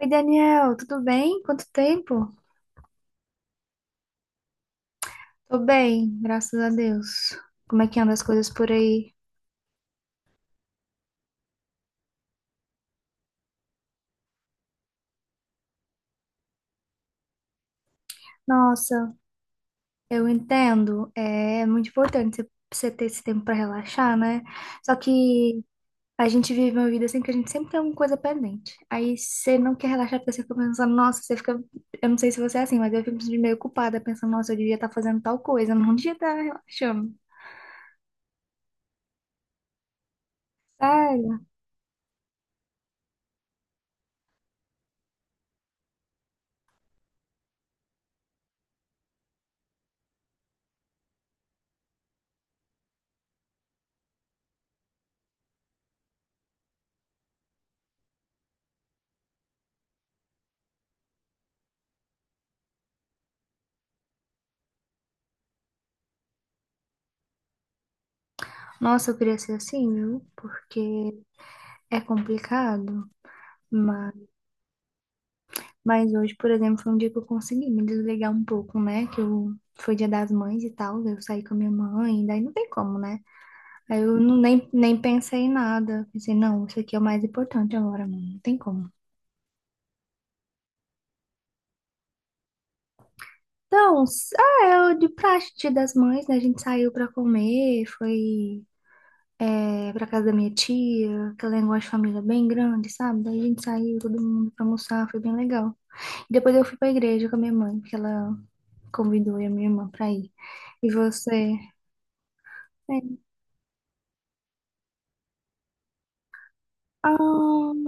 Oi, Daniel, tudo bem? Quanto tempo? Tô bem, graças a Deus. Como é que andam as coisas por aí? Nossa, eu entendo. É muito importante você ter esse tempo pra relaxar, né? Só que a gente vive uma vida assim que a gente sempre tem alguma coisa pendente. Aí você não quer relaxar porque você fica pensando, nossa, você fica. Eu não sei se você é assim, mas eu fico me sentindo meio culpada, pensando, nossa, eu devia estar fazendo tal coisa, eu não devia estar relaxando. Sério? Nossa, eu queria ser assim, viu? Porque é complicado, mas. Mas hoje, por exemplo, foi um dia que eu consegui me desligar um pouco, né? Que eu foi dia das mães e tal, daí eu saí com a minha mãe, daí não tem como, né? Aí eu não, nem pensei em nada. Pensei, não, isso aqui é o mais importante agora, mano. Não tem como. Então, é o de praxe, dia das mães, né? A gente saiu pra comer, foi é, pra casa da minha tia, aquela negócio de família bem grande, sabe? Daí a gente saiu, todo mundo pra almoçar, foi bem legal. E depois eu fui pra igreja com a minha mãe, porque ela convidou eu e a minha irmã pra ir. E você? É. Ah,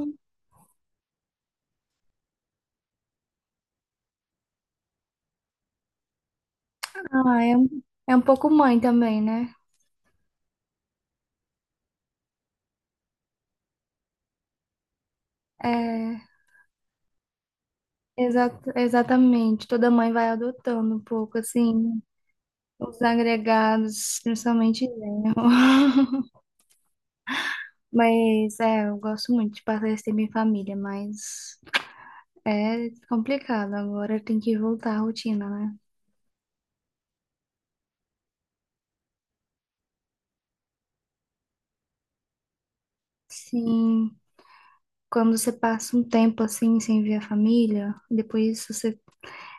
ah, é, um- é um pouco mãe também, né? É, exatamente. Toda mãe vai adotando um pouco, assim, os agregados, principalmente genro. Mas, é, eu gosto muito de passar esse tempo em família, mas é complicado. Agora tem que voltar à rotina, né? Sim, quando você passa um tempo, assim, sem ver a família, depois você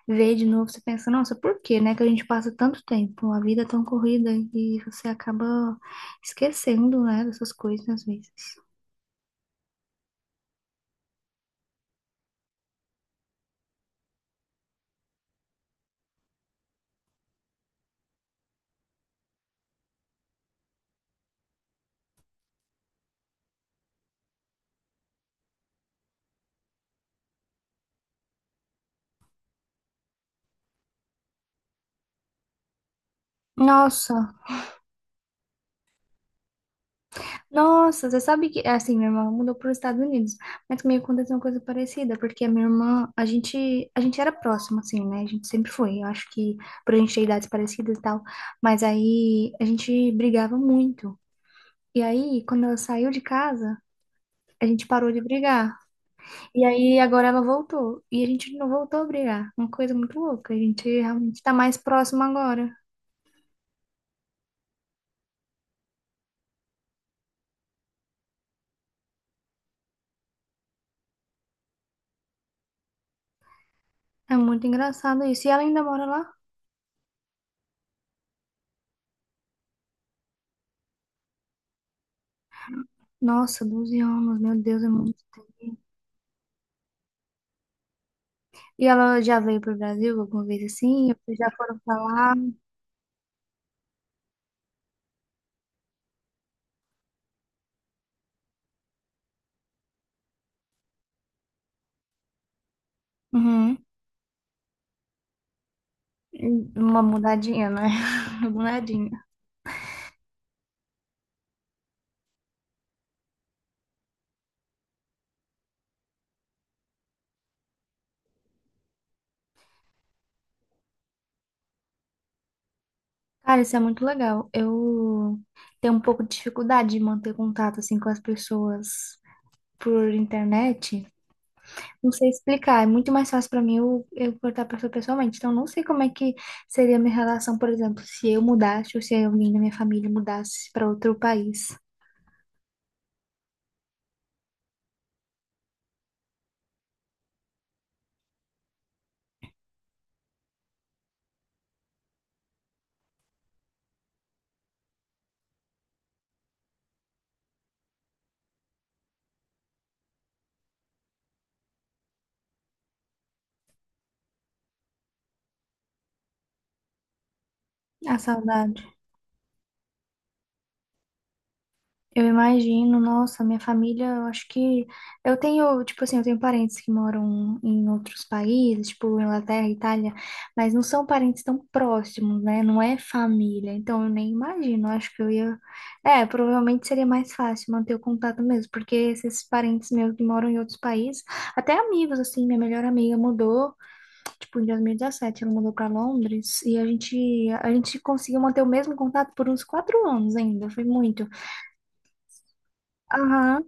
ver de novo, você pensa, nossa, por que, né, que a gente passa tanto tempo, a vida é tão corrida e você acaba esquecendo, né, dessas coisas às vezes. Nossa, nossa, você sabe que, assim, minha irmã mudou para os Estados Unidos, mas comigo aconteceu uma coisa parecida, porque a minha irmã, a gente era próxima assim, né, a gente sempre foi, eu acho que por a gente ter idades parecidas e tal, mas aí a gente brigava muito, e aí, quando ela saiu de casa, a gente parou de brigar. E aí agora ela voltou. E a gente não voltou a brigar. Uma coisa muito louca. A gente realmente tá mais próximo agora. É muito engraçado isso. E ela ainda mora lá? Nossa, 12 anos, meu Deus, é muito tempo. E ela já veio pro Brasil alguma vez assim? Vocês já foram pra lá? Uhum. Uma mudadinha, né? Uma mudadinha. Cara, isso é muito legal. Eu tenho um pouco de dificuldade de manter contato assim com as pessoas por internet. Não sei explicar, é muito mais fácil pra mim eu cortar a pessoa pessoalmente. Então, não sei como é que seria a minha relação, por exemplo, se eu mudasse ou se alguém da minha família mudasse pra outro país. A saudade. Eu imagino, nossa, minha família, eu acho que eu tenho, tipo assim, eu tenho parentes que moram em outros países, tipo Inglaterra, Itália, mas não são parentes tão próximos, né? Não é família, então eu nem imagino, eu acho que eu ia, é, provavelmente seria mais fácil manter o contato mesmo, porque esses parentes meus que moram em outros países, até amigos assim, minha melhor amiga mudou, tipo em 2017 ela mudou para Londres e a gente conseguiu manter o mesmo contato por uns 4 anos ainda, foi muito. Aham,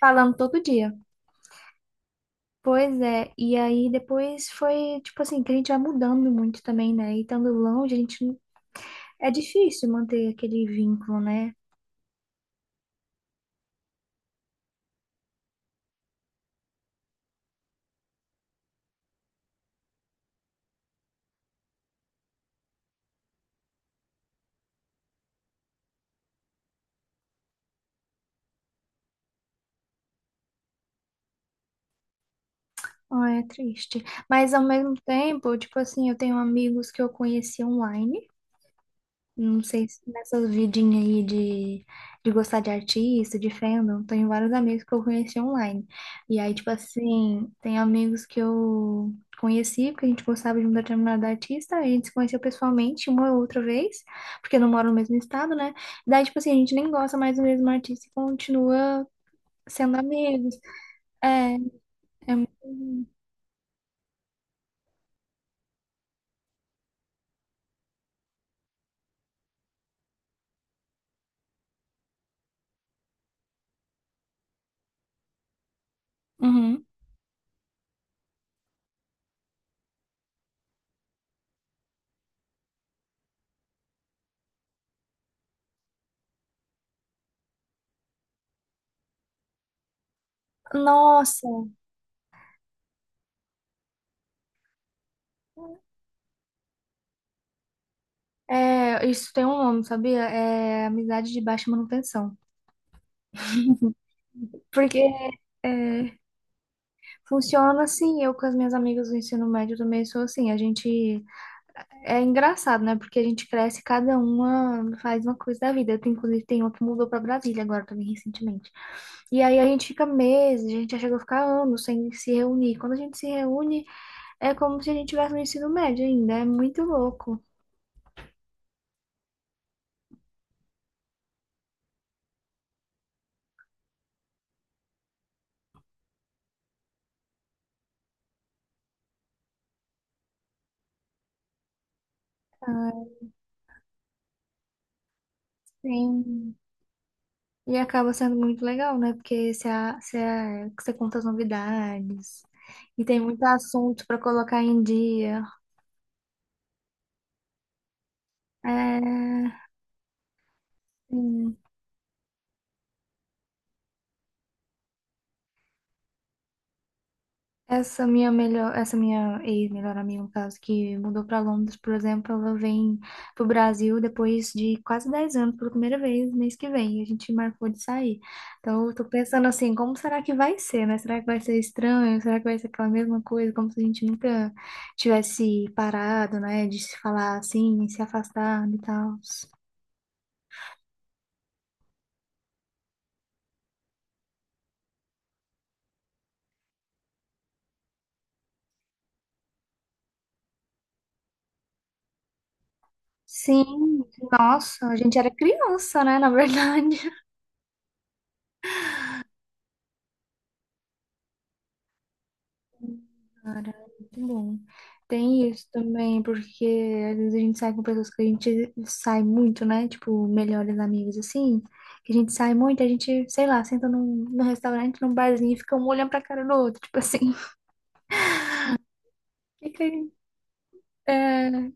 falando todo dia. Pois é, e aí depois foi, tipo assim, que a gente vai mudando muito também, né? E estando longe, a gente. É difícil manter aquele vínculo, né? Ah, é triste. Mas ao mesmo tempo, tipo assim, eu tenho amigos que eu conheci online. Não sei se nessas vidinhas aí de gostar de artista, de fandom, tenho vários amigos que eu conheci online. E aí, tipo assim, tem amigos que eu conheci, porque a gente gostava de um determinado artista, a gente se conheceu pessoalmente uma ou outra vez, porque não mora no mesmo estado, né? Daí, tipo assim, a gente nem gosta mais do mesmo artista e continua sendo amigos. É, é muito. Uhum. Nossa, é, isso tem um nome, sabia? É amizade de baixa manutenção. Porque é, funciona assim, eu com as minhas amigas do ensino médio também sou assim, a gente é engraçado, né? Porque a gente cresce, cada uma faz uma coisa da vida. Eu tenho, inclusive, tem uma que mudou pra Brasília agora também recentemente. E aí a gente fica meses, a gente já chegou a ficar anos sem se reunir. Quando a gente se reúne, é como se a gente tivesse no ensino médio ainda, é muito louco. Ah, sim. E acaba sendo muito legal, né? Porque você conta as novidades. E tem muito assunto para colocar em dia. É, sim. Essa minha melhor, essa minha ex-melhor amiga, no caso, que mudou para Londres, por exemplo, ela vem pro Brasil depois de quase 10 anos pela primeira vez, mês que vem. A gente marcou de sair. Então, eu tô pensando assim, como será que vai ser, né? Será que vai ser estranho? Será que vai ser aquela mesma coisa, como se a gente nunca tivesse parado, né? De se falar assim, se afastar e tal. Sim, nossa, a gente era criança, né? Na verdade. Cara, muito bom. Tem isso também, porque às vezes a gente sai com pessoas que a gente sai muito, né? Tipo, melhores amigos, assim. Que a gente sai muito, a gente, sei lá, senta num restaurante, num barzinho e fica um olhando pra cara do outro. Tipo assim, fica aí. É...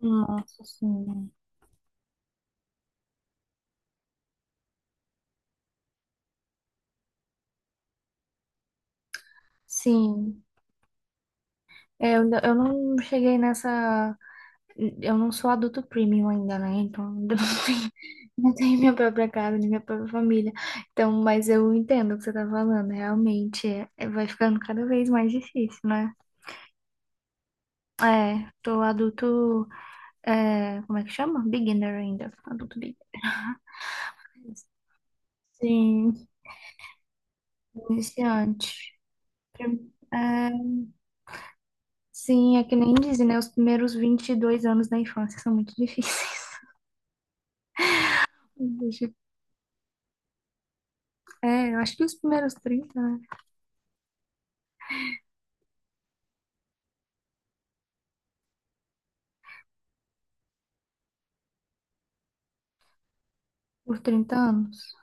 Nossa, sim. Sim. Eu não cheguei nessa. Eu não sou adulto premium ainda, né? Então, ainda não tenho. Não tenho minha própria casa, nem minha própria família. Então, mas eu entendo o que você tá falando. Realmente, vai ficando cada vez mais difícil, né? É, tô adulto. É, como é que chama? Beginner ainda. Adulto beginner. Sim, iniciante. É, sim, é que nem dizem, né? Os primeiros 22 anos da infância são muito difíceis. Deixa- É, eu acho que os primeiros 30, né? Por 30 anos.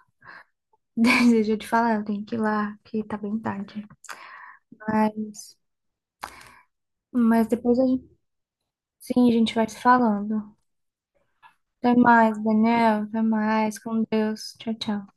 Desejo te falar, eu tenho que ir lá, que tá bem tarde. Mas Mas depois a gente, sim, a gente vai se falando. Até mais, Daniel. Até mais. Com Deus. Tchau, tchau.